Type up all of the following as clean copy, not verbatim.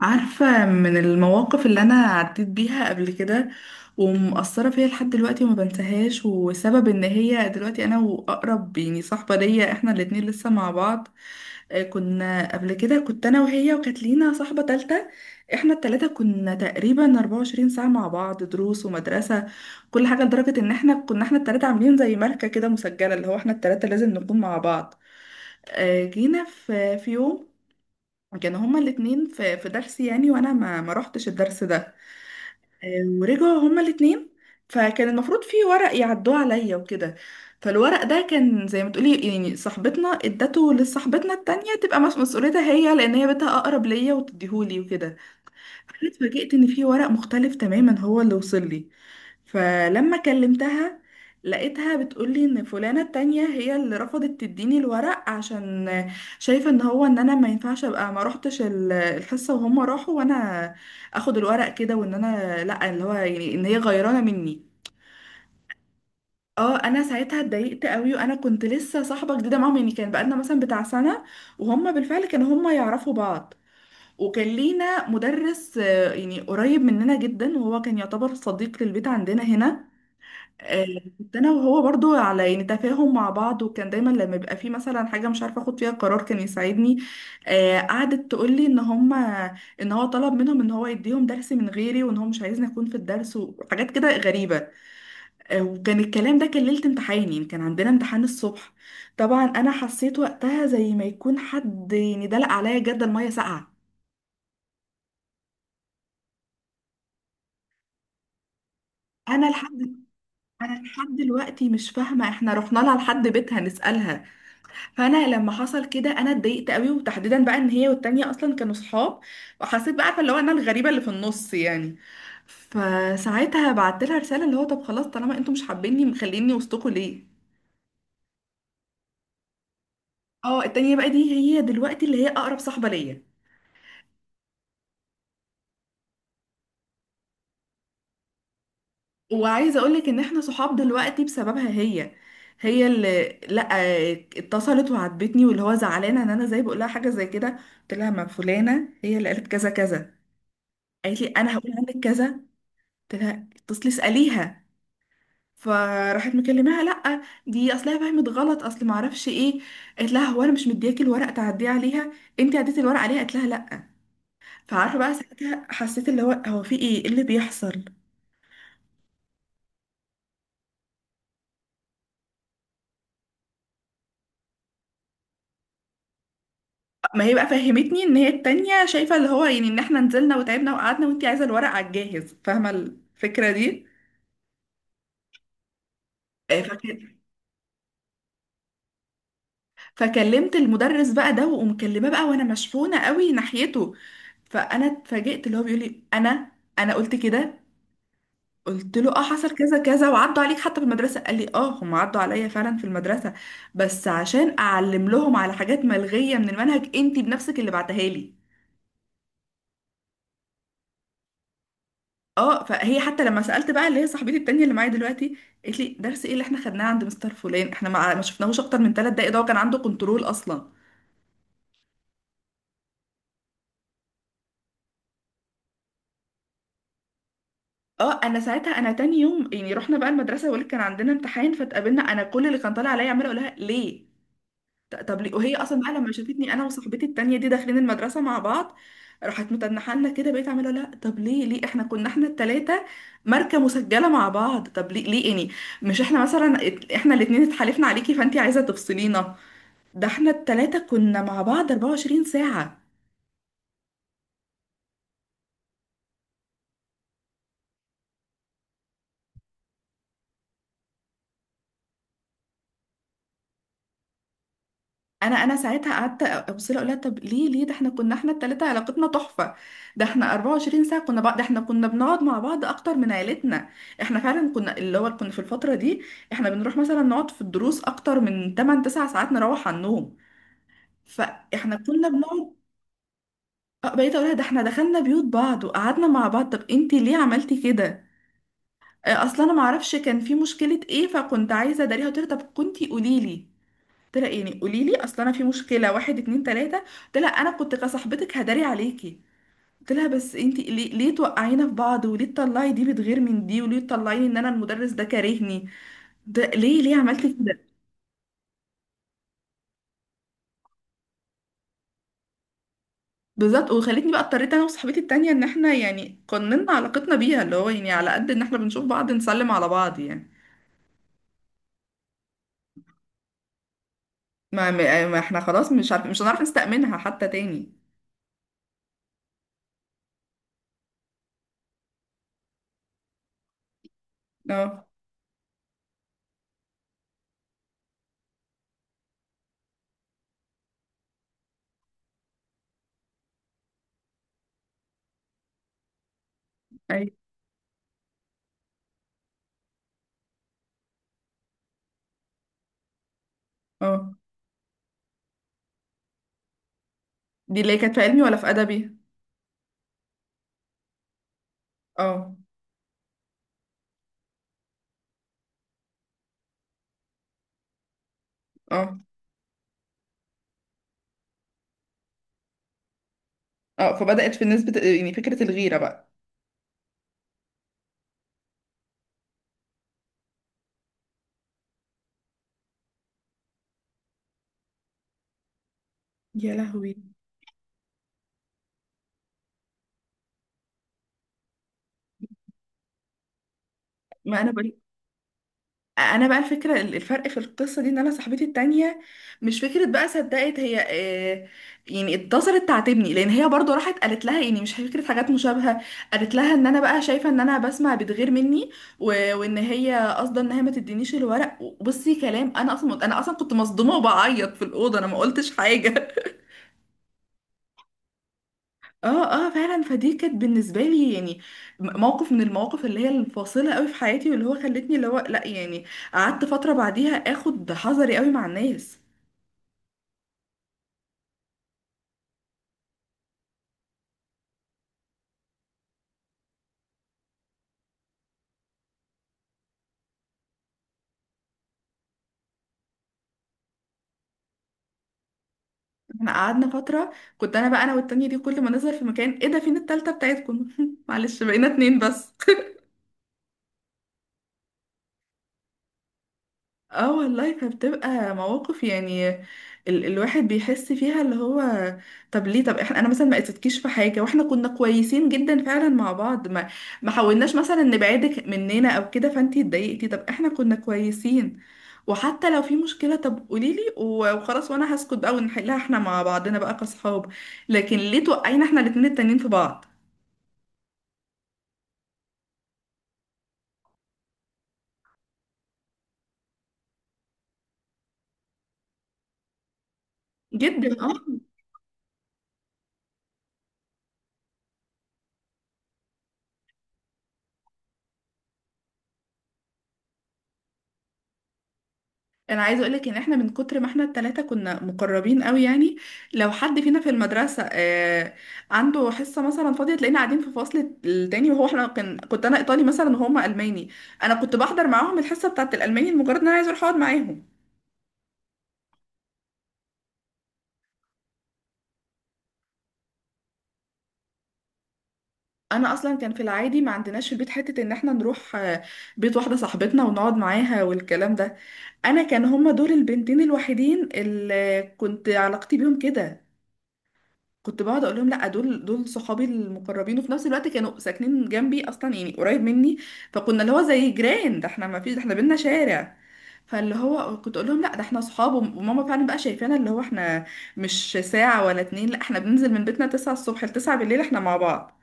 عارفة من المواقف اللي أنا عديت بيها قبل كده، ومأثرة فيا لحد دلوقتي وما بنساهاش، وسبب إن هي دلوقتي أنا وأقرب يعني صاحبة ليا إحنا الاتنين لسه مع بعض. كنا قبل كده، كنت أنا وهي وكانت لينا صاحبة تالتة. إحنا التلاتة كنا تقريبا 24 ساعة مع بعض، دروس ومدرسة كل حاجة، لدرجة إن إحنا كنا إحنا التلاتة عاملين زي ماركة كده مسجلة، اللي هو إحنا التلاتة لازم نكون مع بعض. جينا في يوم كانوا هما الاتنين في درس يعني، وانا ما رحتش الدرس ده. ورجعوا هما الاتنين، فكان المفروض في ورق يعدوه عليا وكده. فالورق ده كان زي ما تقولي يعني صاحبتنا ادته لصاحبتنا التانية تبقى مسؤوليتها هي، لان هي بنتها اقرب ليا وتديهولي وكده. أنا اتفاجئت ان في ورق مختلف تماما هو اللي وصل لي. فلما كلمتها لقيتها بتقولي ان فلانة التانية هي اللي رفضت تديني الورق، عشان شايفة ان هو ان انا ما ينفعش ابقى ما روحتش الحصة وهم راحوا، وانا اخد الورق كده، وان انا لا اللي هو يعني ان هي غيرانة مني. اه، انا ساعتها اتضايقت قوي، وانا كنت لسه صاحبة جديدة معاهم يعني، كان بقالنا مثلا بتاع سنة، وهم بالفعل كانوا هم يعرفوا بعض. وكان لينا مدرس، يعني قريب مننا جدا وهو كان يعتبر صديق للبيت عندنا هنا. آه، كنت انا وهو برضو على يعني تفاهم مع بعض، وكان دايما لما يبقى في مثلا حاجه مش عارفه اخد فيها قرار كان يساعدني. قعدت تقول لي ان هم ان هو طلب منهم ان هو يديهم درس من غيري، وان هو مش عايزني اكون في الدرس، وحاجات كده غريبه. وكان الكلام ده كان ليله امتحان يعني، كان عندنا امتحان الصبح. طبعا انا حسيت وقتها زي ما يكون حد يعني دلق عليا جدا ميه ساقعه. انا لحد انا لحد دلوقتي مش فاهمه، احنا رحنا لها لحد بيتها نسالها. فانا لما حصل كده انا اتضايقت قوي، وتحديدا بقى ان هي والتانية اصلا كانوا صحاب، وحسيت بقى عارفه اللي هو انا الغريبه اللي في النص يعني. فساعتها بعت لها رساله اللي هو طب خلاص طالما انتوا مش حابيني مخليني وسطكوا ليه؟ اه، التانية بقى دي هي دلوقتي اللي هي اقرب صاحبه ليا. وعايزه اقولك ان احنا صحاب دلوقتي بسببها هي. هي اللي لا، اتصلت وعاتبتني، واللي هو زعلانه ان انا زي بقول لها حاجه زي كده. قلت لها ما فلانه هي اللي قالت كذا كذا. قالت لي انا هقول عنك كذا. قلت لها اتصلي اساليها. فراحت مكلماها، لا دي اصلها فهمت غلط، اصل ما اعرفش ايه. قالت لها هو انا مش مدياكي الورق تعديه عليها؟ انت عديتي الورق عليها؟ قالت لها لا. فعارفه بقى ساعتها حسيت اللي هو هو في ايه، إيه اللي بيحصل. ما هي بقى فهمتني ان هي التانية شايفة اللي هو يعني ان احنا نزلنا وتعبنا وقعدنا وانتي عايزة الورق على الجاهز، فاهمة الفكرة دي. آه، فك- فكلمت المدرس بقى ده، ومكلمة بقى وانا مشحونة قوي ناحيته. فانا اتفاجئت اللي هو بيقول لي انا انا قلت كده. قلت له اه حصل كذا كذا وعدوا عليك حتى في المدرسة. قال لي اه هم عدوا عليا فعلا في المدرسة، بس عشان اعلم لهم على حاجات ملغية من المنهج، انتي بنفسك اللي بعتها لي. اه، فهي حتى لما سألت بقى اللي هي صاحبتي التانية اللي معايا دلوقتي، قالت لي درس ايه اللي احنا خدناه عند مستر فلان؟ احنا ما شفناهوش اكتر من ثلاث دقايق، ده هو كان عنده كنترول اصلا. اه، انا ساعتها انا تاني يوم يعني رحنا بقى المدرسه، بقولك كان عندنا امتحان، فاتقابلنا انا كل اللي كان طالع عليا عماله اقول لها ليه؟ طب ليه؟ وهي اصلا بقى لما شافتني انا وصاحبتي التانية دي داخلين المدرسه مع بعض، راحت متنحه لنا كده. بقيت عماله اقول لها طب ليه ليه؟ احنا كنا احنا التلاته ماركه مسجله مع بعض، طب ليه ليه يعني؟ مش احنا مثلا احنا الاتنين اتحالفنا عليكي فانتي عايزه تفصلينا؟ ده احنا التلاتة كنا مع بعض 24 ساعة. انا انا ساعتها قعدت ابص لها اقول لها طب ليه ليه؟ ده احنا كنا احنا التلاتة علاقتنا تحفة، ده احنا 24 ساعة كنا بعض، ده احنا كنا بنقعد مع بعض اكتر من عيلتنا. احنا فعلا كنا اللي هو كنا في الفترة دي احنا بنروح مثلا نقعد في الدروس اكتر من 8 9 ساعات، نروح على النوم. فاحنا كنا بنقعد. اه، بقيت اقول لها ده احنا دخلنا بيوت بعض وقعدنا مع بعض، طب انتي ليه عملتي كده؟ اه، اصلا انا معرفش كان في مشكلة ايه، فكنت عايزة اداريها. قلت لها طب كنتي قوليلي، قلت لها يعني قولي لي اصل انا في مشكله واحد اتنين تلاته، قلت لها انا كنت كصاحبتك هداري عليكي. قلت لها بس انتي ليه ليه توقعينا في بعض؟ وليه تطلعي دي بتغير من دي؟ وليه تطلعيني ان انا المدرس ده كارهني؟ ده ليه ليه عملتي كده؟ بالظبط. وخلتني بقى اضطريت انا وصاحبتي التانيه ان احنا يعني قننا علاقتنا بيها، اللي هو يعني على قد ان احنا بنشوف بعض نسلم على بعض يعني. ما احنا خلاص مش عارف مش هنعرف نستأمنها حتى تاني. اه، اي، اه. دي اللي هي كانت في علمي ولا في ادبي؟ اه، اه، اه. فبدأت في الناس يعني فكرة الغيرة بقى. يا لهوي. ما انا بقول انا بقى الفكرة، الفرق في القصة دي ان انا صاحبتي التانية مش فكرة بقى صدقت هي. يعني اتصلت تعاتبني لان هي برضو راحت قالت لها يعني مش فكرة حاجات مشابهة. قالت لها ان انا بقى شايفة ان انا بسمع بتغير مني و... وان هي قصده ان هي ما تدينيش الورق. بصي، كلام انا اصلا انا اصلا كنت مصدومة وبعيط في الأوضة، انا ما قلتش حاجة اه، اه، فعلا. فدي كانت بالنسبه لي يعني موقف من المواقف اللي هي الفاصله قوي في حياتي، واللي هو خلتني اللي هو لا يعني قعدت فتره بعديها اخد حذري قوي مع الناس. احنا قعدنا فتره كنت انا بقى انا والتانية دي كل ما نظهر في مكان، ايه ده؟ فين التالتة بتاعتكم؟ معلش بقينا اتنين بس. اه والله، فبتبقى مواقف يعني ال الواحد بيحس فيها اللي هو طب ليه؟ طب احنا انا مثلا ما قصدتكيش في حاجه، واحنا كنا كويسين جدا فعلا مع بعض، ما حاولناش مثلا نبعدك مننا او كده، فانتي اتضايقتي. طب احنا كنا كويسين، وحتى لو في مشكله طب قولي لي وخلاص، وانا هسكت بقى ونحلها احنا مع بعضنا بقى كاصحاب. لكن ليه توقعينا احنا الاتنين التانيين في بعض؟ جدا، آه. انا عايزه اقولك ان احنا من كتر ما احنا التلاتة كنا مقربين قوي يعني، لو حد فينا في المدرسه، عنده حصه مثلا فاضيه تلاقينا قاعدين في فصل التاني، وهو احنا كان كنت انا ايطالي مثلا وهما الماني، انا كنت بحضر معاهم الحصه بتاعه الالماني لمجرد ان انا عايزه اروح اقعد معاهم. انا اصلا كان في العادي ما عندناش في البيت حته ان احنا نروح بيت واحده صاحبتنا ونقعد معاها والكلام ده. انا كان هما دول البنتين الوحيدين اللي كنت علاقتي بيهم كده، كنت بقعد اقول لهم لا دول صحابي المقربين، وفي نفس الوقت كانوا ساكنين جنبي اصلا يعني قريب مني، فكنا اللي هو زي جيران، ده احنا ما فيش ده احنا بينا شارع. فاللي هو كنت اقول لهم لا ده احنا صحاب، وماما فعلا بقى شايفانا اللي هو احنا مش ساعة ولا اتنين، لا احنا بننزل من بيتنا 9 الصبح ل 9 بالليل احنا مع بعض.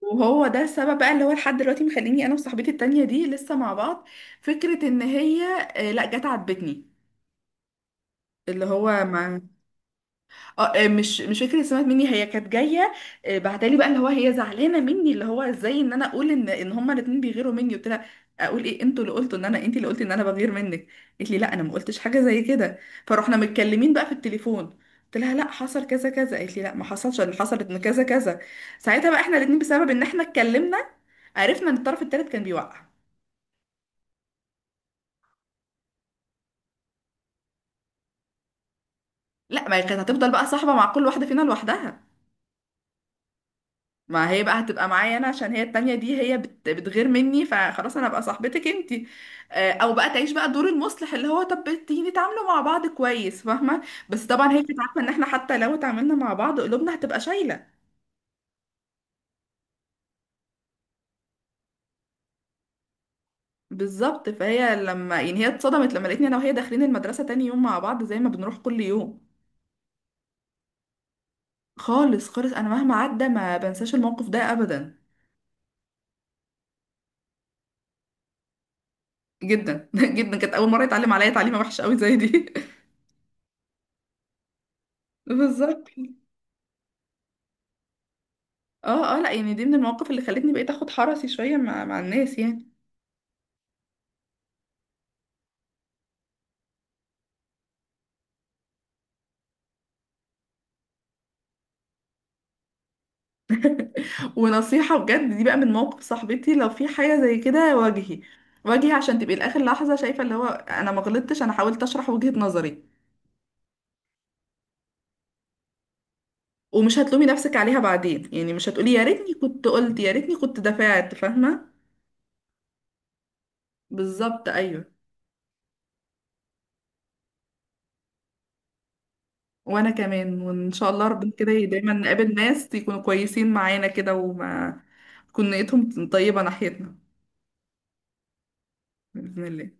وهو ده السبب بقى اللي هو لحد دلوقتي مخليني انا وصاحبتي التانية دي لسه مع بعض. فكرة ان هي لا جت عاتبتني اللي هو ما، اه، آه، مش مش فاكره سمعت مني، هي كانت جايه. بعتلي بقى اللي هو هي زعلانه مني، اللي هو ازاي ان انا اقول ان ان هما الاتنين بيغيروا مني. قلت لها اقول ايه؟ انتوا اللي قلتوا ان انا، انتي اللي قلتي ان انا بغير منك. قالت لي لا انا ما قلتش حاجه زي كده. فروحنا متكلمين بقى في التليفون، قلت لها لا حصل كذا كذا، قالت لي لا ما حصلش، اللي حصلت ان كذا كذا. ساعتها بقى احنا الاتنين بسبب ان احنا اتكلمنا عرفنا ان الطرف التالت كان بيوقع. لا، ما هي كانت هتفضل بقى صاحبه مع كل واحده فينا لوحدها. ما هي بقى هتبقى معايا انا عشان هي التانية دي هي بتغير مني فخلاص انا ابقى صاحبتك انتي. او بقى تعيش بقى دور المصلح اللي هو طب تيجي نتعاملوا مع بعض كويس، فاهمة. بس طبعا هي كانت عارفة ان احنا حتى لو اتعاملنا مع بعض قلوبنا هتبقى شايلة. بالظبط. فهي لما يعني هي اتصدمت لما لقيتني انا وهي داخلين المدرسة تاني يوم مع بعض زي ما بنروح كل يوم. خالص خالص، انا مهما عدى ما بنساش الموقف ده ابدا. جدا جدا، كانت اول مرة يتعلم عليا تعليمة وحشة قوي زي دي. بالظبط. اه، اه، لا يعني دي من المواقف اللي خلتني بقيت اخد حرصي شويه مع الناس يعني. ونصيحه بجد دي بقى من موقف صاحبتي، لو في حاجه زي كده واجهي، واجهي عشان تبقي لاخر لحظه شايفه اللي هو انا ما غلطتش، انا حاولت اشرح وجهه نظري. ومش هتلومي نفسك عليها بعدين يعني، مش هتقولي يا ريتني كنت قلت، يا ريتني كنت دفعت، فاهمه. بالظبط ايوه. وانا كمان، وان شاء الله ربنا كده دايما نقابل ناس يكونوا كويسين معانا كده وما تكون نيتهم طيبه ناحيتنا. باذن الله.